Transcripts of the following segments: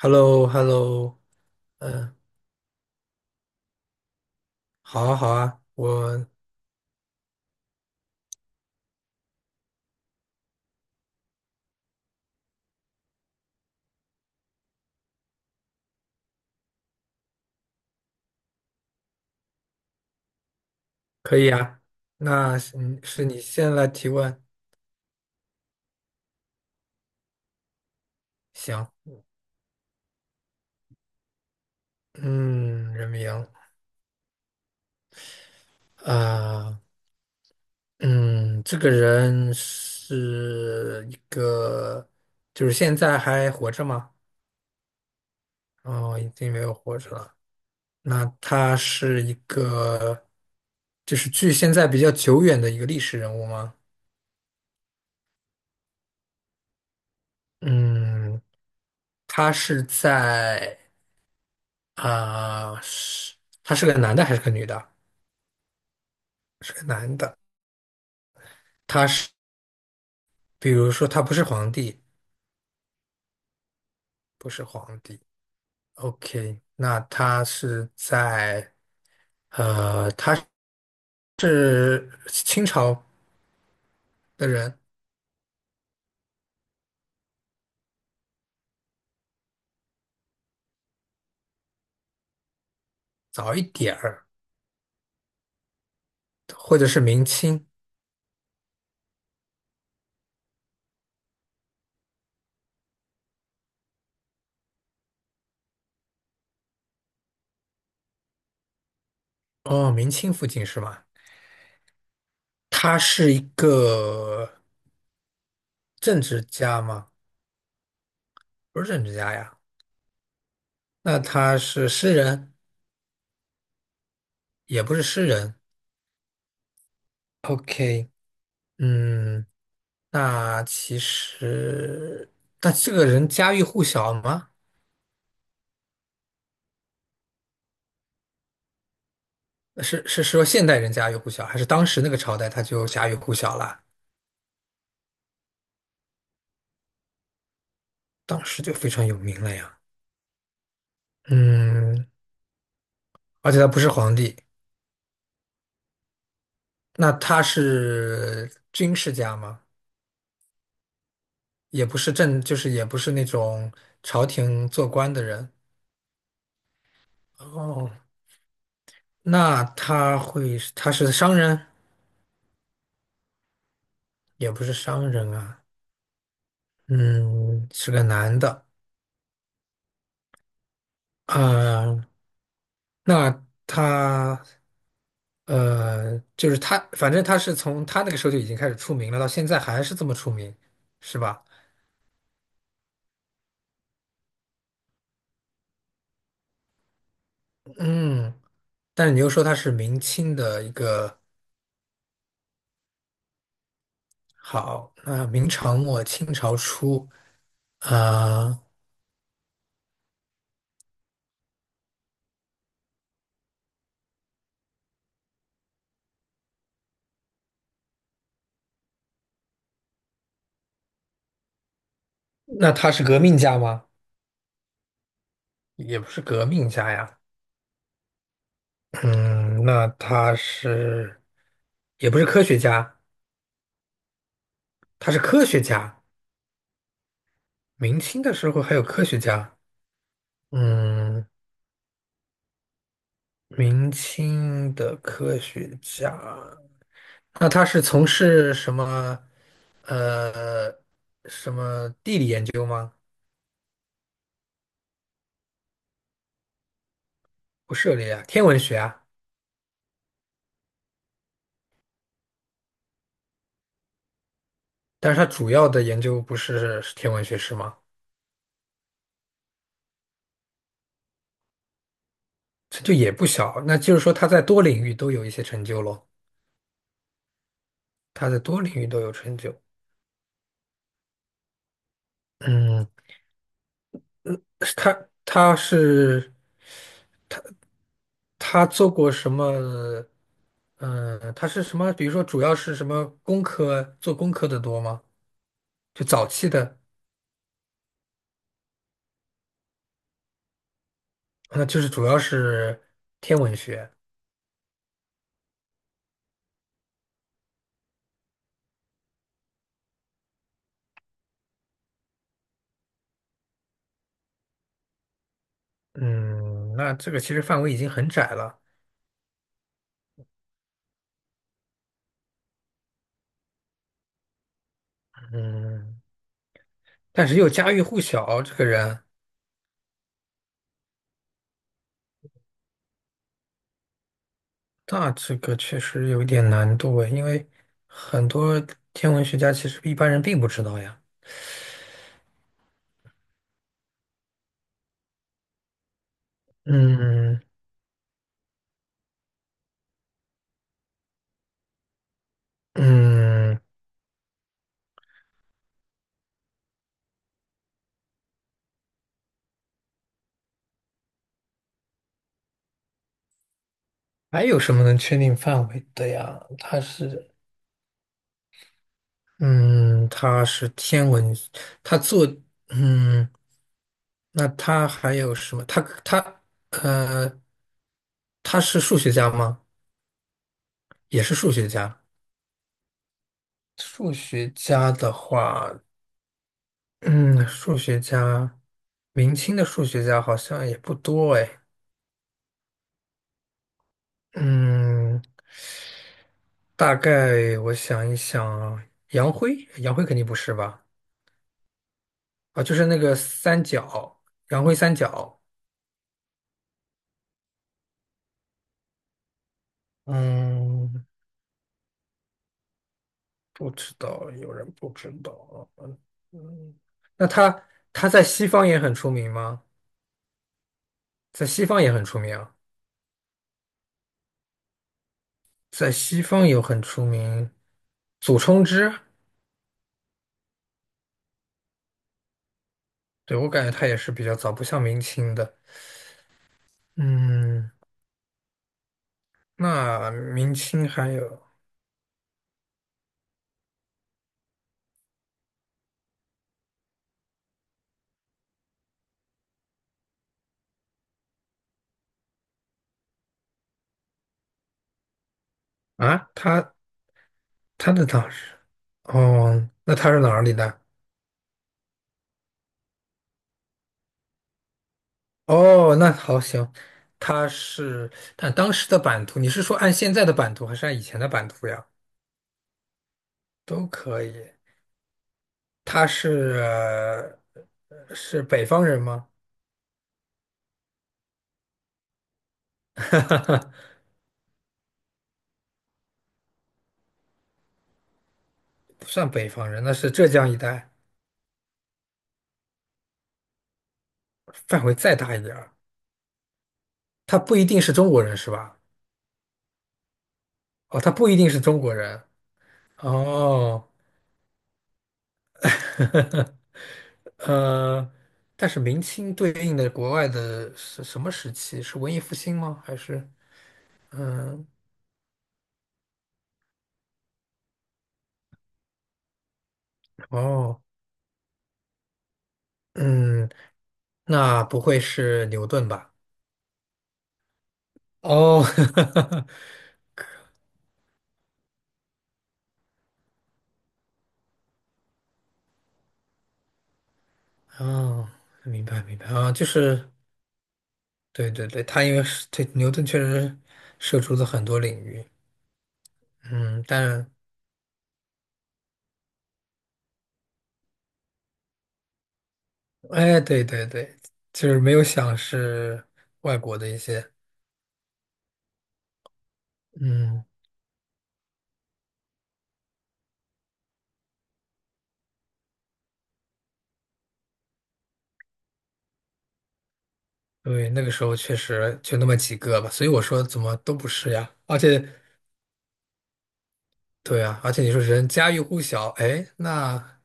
h e l l o h e l l o 嗯，好啊，好啊，可以啊。那是你先来提问，行。嗯，人名啊，嗯，这个人是一个，就是现在还活着吗？哦，已经没有活着了。那他是一个，就是距现在比较久远的一个历史人物吗？嗯，他是在。啊，是他是个男的还是个女的？是个男的。他是，比如说他不是皇帝，不是皇帝。OK，那他是在他是清朝的人，早一点儿，或者是明清。哦，明清附近是吗？他是一个政治家吗？不是政治家呀。那他是诗人，也不是诗人。OK，嗯。那其实，那这个人家喻户晓吗？是是说现代人家喻户晓，还是当时那个朝代他就家喻户晓了？当时就非常有名了呀。嗯，而且他不是皇帝，那他是军事家吗？也不是政，就是也不是那种朝廷做官的人。哦，那他会，他是商人，也不是商人啊。嗯，是个男的。啊、那他。就是他，反正他是从他那个时候就已经开始出名了，到现在还是这么出名，是吧？嗯，但是你又说他是明清的一个好，那明朝末清朝初，啊、那他是革命家吗？也不是革命家呀，嗯，那他是也不是科学家，他是科学家。明清的时候还有科学家，嗯，明清的科学家。那他是从事什么？呃，什么地理研究吗？不涉猎啊，天文学啊。但是他主要的研究不是天文学是吗？成就也不小，那就是说他在多领域都有一些成就咯。他在多领域都有成就。嗯，是他是他做过什么？嗯，他是什么？比如说，主要是什么工科？做工科的多吗？就早期的，那就是主要是天文学。嗯，那这个其实范围已经很窄了。嗯，但是又家喻户晓，这个人，那这个确实有一点难度诶，因为很多天文学家其实一般人并不知道呀。嗯嗯，还有什么能确定范围的呀？他是，嗯，他是天文，他做，嗯，那他还有什么？他呃，他是数学家吗？也是数学家。数学家的话，嗯，数学家，明清的数学家好像也不多哎。嗯，大概我想一想，杨辉，杨辉肯定不是吧？啊，就是那个三角，杨辉三角。嗯，不知道，有人不知道。嗯，嗯那他他在西方也很出名吗？在西方也很出名啊在西方有很出名，祖冲之。对，我感觉他也是比较早，不像明清的。嗯，那明清还有啊，他他的当是，哦，那他是哪里的？哦，那好行，他是，但当时的版图，你是说按现在的版图，还是按以前的版图呀？都可以。他是是北方人吗？不算北方人，那是浙江一带，范围再大一点儿。他不一定是中国人是吧？哦，他不一定是中国人。哦。呃，但是明清对应的国外的是什么时期？是文艺复兴吗？还是嗯哦嗯，那不会是牛顿吧？哦，哦，明白明白啊，就是对对对，他因为是对牛顿确实涉足了很多领域，嗯，但哎对对对，就是没有想是外国的一些。嗯。对，那个时候确实就那么几个吧，所以我说怎么都不是呀。而且，对啊，而且你说人家喻户晓，哎，那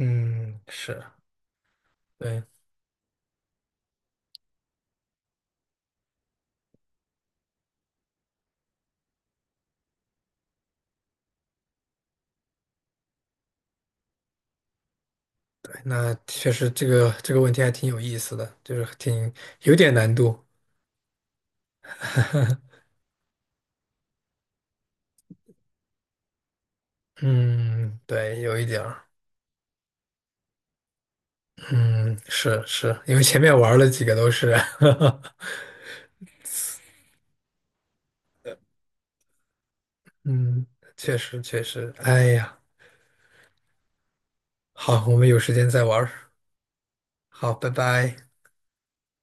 嗯是，对对，那确实这个这个问题还挺有意思的，就是挺有点难度。嗯，对，有一点儿，嗯，是是，因为前面玩了几个都是，嗯，确实确实，哎呀，好，我们有时间再玩儿，好，拜拜。